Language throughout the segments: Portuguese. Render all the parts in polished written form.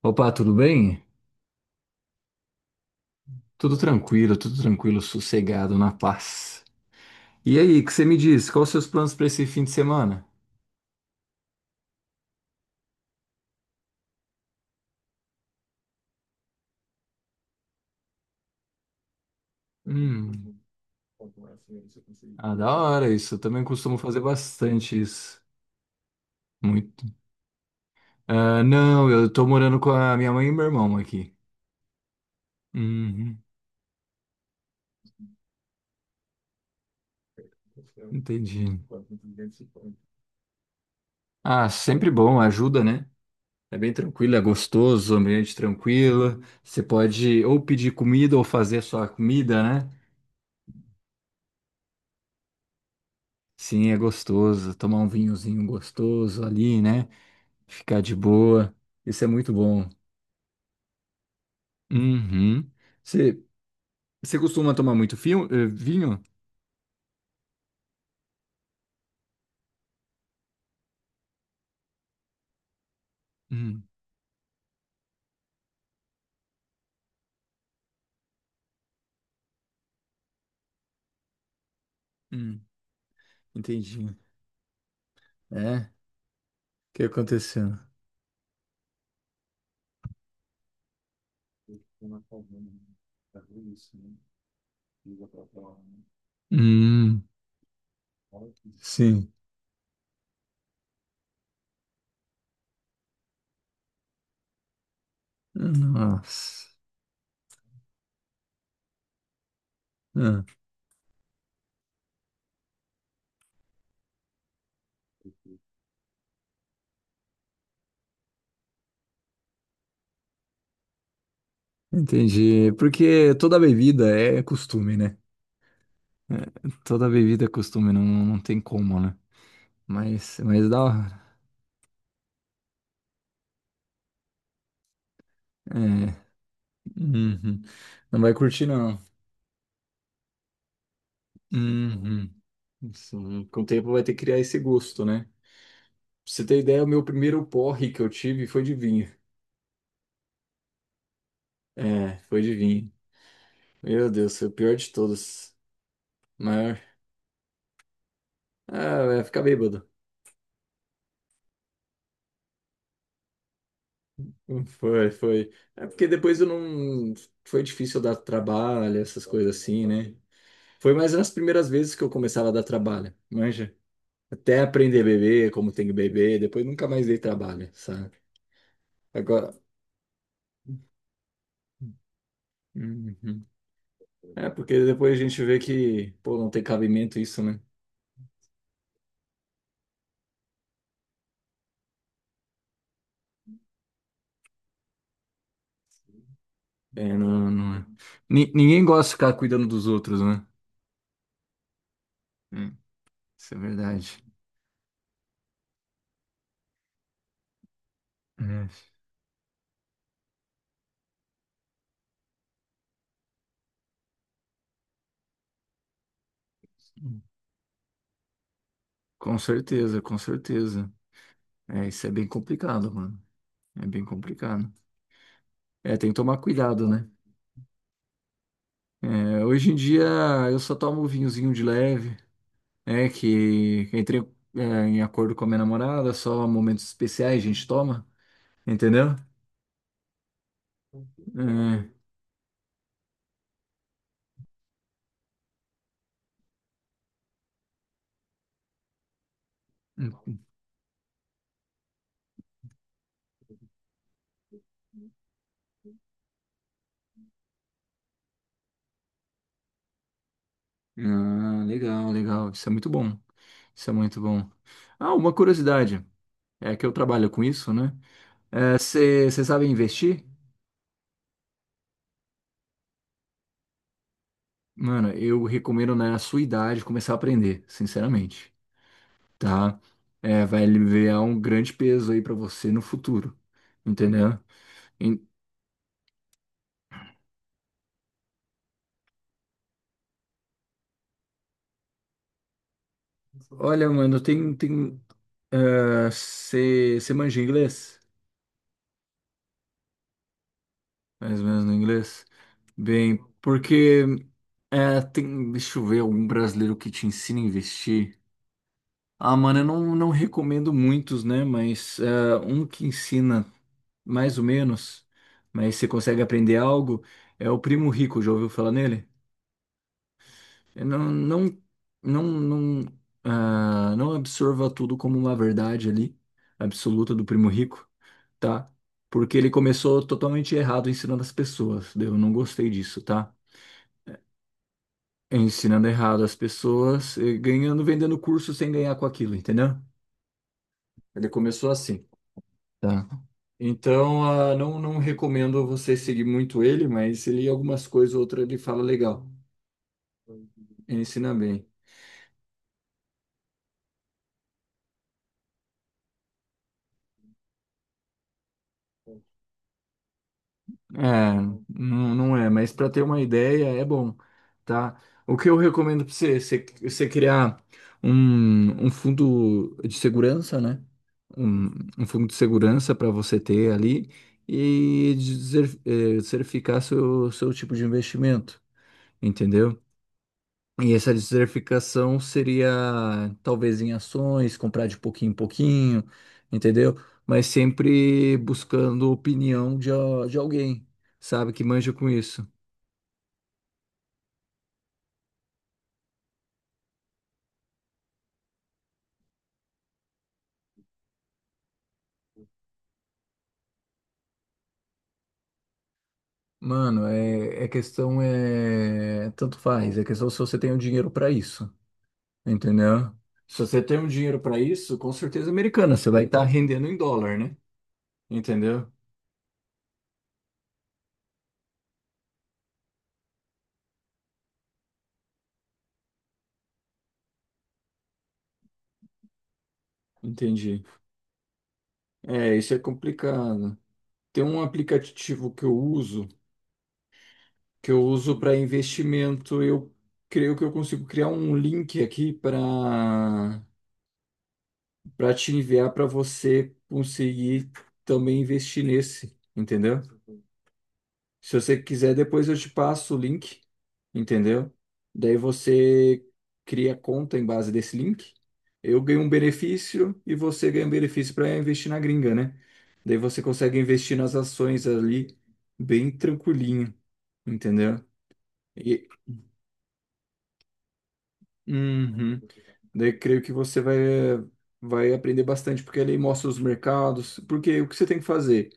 Opa, tudo bem? Tudo tranquilo, sossegado, na paz. E aí, o que você me diz? Quais os seus planos para esse fim de semana? Hum, ah, da hora isso. Eu também costumo fazer bastante isso. Muito. Ah, não, eu tô morando com a minha mãe e meu irmão aqui. Uhum, entendi. Ah, sempre bom, ajuda, né? É bem tranquilo, é gostoso, ambiente tranquilo. Você pode ou pedir comida ou fazer a sua comida, né? Sim, é gostoso. Tomar um vinhozinho gostoso ali, né? Ficar de boa. Isso é muito bom. Uhum. Você, você costuma tomar muito fio, vinho? Hum, hum, entendi. É? O que aconteceu? Hum, sim. Nossa. Ah, entendi. Porque toda bebida é costume, né? É, toda bebida é costume, não, não tem como, né? Mas dá. É, uhum. Não vai curtir, não. Uhum. Isso, com o tempo vai ter que criar esse gosto, né? Pra você ter ideia, o meu primeiro porre que eu tive foi de vinho. É, foi de vinho. Meu Deus, foi o pior de todos. Maior. Ah, vai ficar bêbado. Foi, foi. É porque depois eu não. Foi difícil dar trabalho, essas coisas assim, né? Foi mais nas primeiras vezes que eu começava a dar trabalho, manja. Até aprender a beber, como tem que beber, depois nunca mais dei trabalho, sabe? Agora. Uhum. É, porque depois a gente vê que, pô, não tem cabimento isso, né? É, não, não é. Ninguém gosta de ficar cuidando dos outros, né? É, isso é verdade. É. Com certeza, com certeza. É, isso é bem complicado, mano. É bem complicado. É, tem que tomar cuidado, né? É, hoje em dia eu só tomo vinhozinho de leve, né? Que entrei, é, em acordo com a minha namorada, só momentos especiais a gente toma, entendeu? É, ah, legal, legal. Isso é muito bom. Isso é muito bom. Ah, uma curiosidade. É que eu trabalho com isso, né? Você sabe investir? Mano, eu recomendo na sua idade começar a aprender, sinceramente, tá? É, vai aliviar um grande peso aí pra você no futuro, entendeu? Em- olha, mano, você manja inglês? Mais ou menos no inglês? Bem, porque tem, deixa eu ver algum brasileiro que te ensina a investir. Ah, mano, eu não, não recomendo muitos, né? Mas um que ensina mais ou menos, mas você consegue aprender algo, é o Primo Rico, já ouviu falar nele? Eu não, não, ah, não absorva tudo como uma verdade ali, absoluta do Primo Rico, tá? Porque ele começou totalmente errado ensinando as pessoas, daí eu não gostei disso, tá? Ensinando errado as pessoas, e ganhando, vendendo curso sem ganhar com aquilo, entendeu? Ele começou assim. Tá? Então, ah, não, não recomendo você seguir muito ele, mas ele algumas coisas, outra ele fala legal. Ele ensina bem. É, não, não é, mas para ter uma ideia é bom, tá? O que eu recomendo para você, você criar um, um fundo de segurança, né? Um, um fundo de segurança para você ter ali e dizer, certificar seu tipo de investimento, entendeu? E essa desertificação seria talvez em ações, comprar de pouquinho em pouquinho, entendeu? Mas sempre buscando opinião de, de alguém, sabe, que manja com isso. Mano, é, é questão é tanto faz, é questão se você tem o dinheiro para isso, entendeu? Se você tem o dinheiro para isso, com certeza americana, você vai estar rendendo em dólar, né? Entendeu? Entendi. É, isso é complicado. Tem um aplicativo que eu uso para investimento, eu creio que eu consigo criar um link aqui para te enviar para você conseguir também investir nesse, entendeu? Se você quiser, depois eu te passo o link, entendeu? Daí você cria conta em base desse link. Eu ganho um benefício e você ganha um benefício para investir na gringa, né? Daí você consegue investir nas ações ali bem tranquilinho, entendeu? E, uhum. Daí creio que vai aprender bastante, porque ele mostra os mercados. Porque o que você tem que fazer?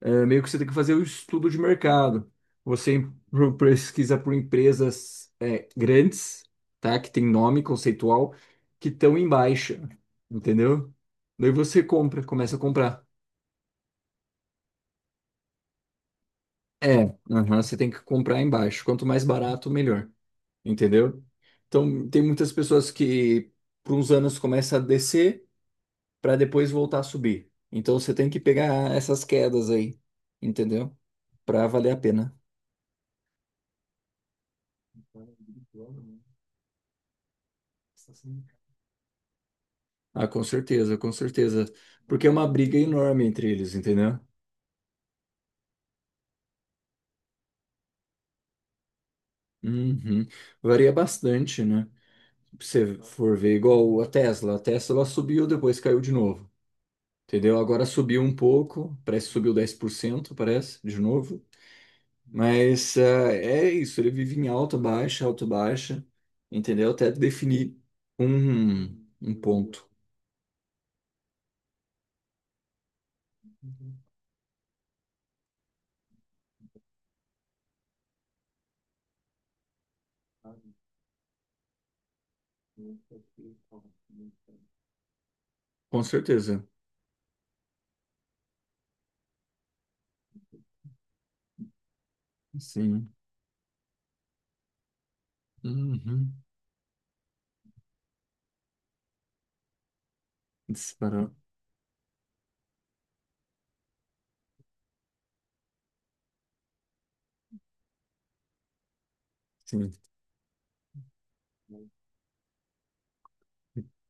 É, meio que você tem que fazer o estudo de mercado. Você pesquisa por empresas grandes, tá? Que tem nome conceitual, que estão em baixa, entendeu? Daí você compra, começa a comprar. É, aham, você tem que comprar em baixo. Quanto mais barato, melhor, entendeu? Então, tem muitas pessoas que, por uns anos, começa a descer para depois voltar a subir. Então você tem que pegar essas quedas aí, entendeu? Para valer a pena. Ah, com certeza, com certeza. Porque é uma briga enorme entre eles, entendeu? Uhum. Varia bastante, né? Se você for ver, igual a Tesla. A Tesla subiu, depois caiu de novo, entendeu? Agora subiu um pouco, parece que subiu 10%, parece, de novo. Mas ah, é isso, ele vive em alta, baixa, entendeu? Até definir um, um ponto. Com certeza. Sim. Uhum. Disparou. Sim.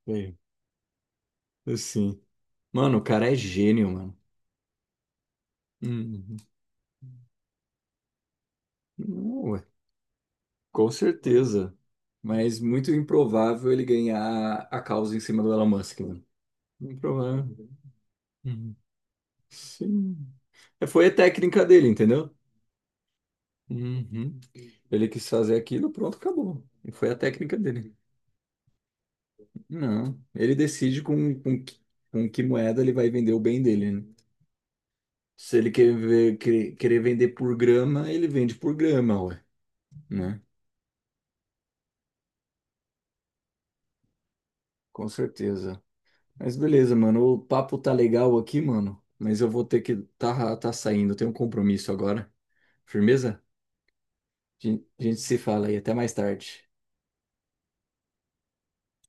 É, assim. Mano, o cara é gênio, mano. Uhum. Não, ué. Com certeza. Mas muito improvável ele ganhar a causa em cima do Elon Musk, mano. Improvável. Uhum. Sim. É, foi a técnica dele, entendeu? Uhum. Ele quis fazer aquilo, pronto, acabou. E foi a técnica dele. Não, ele decide com que moeda ele vai vender o bem dele, né? Se ele querer vender por grama, ele vende por grama, ué, né? Com certeza. Mas beleza, mano, o papo tá legal aqui, mano, mas eu vou ter que tá saindo, eu tenho um compromisso agora. Firmeza? A gente se fala aí, até mais tarde.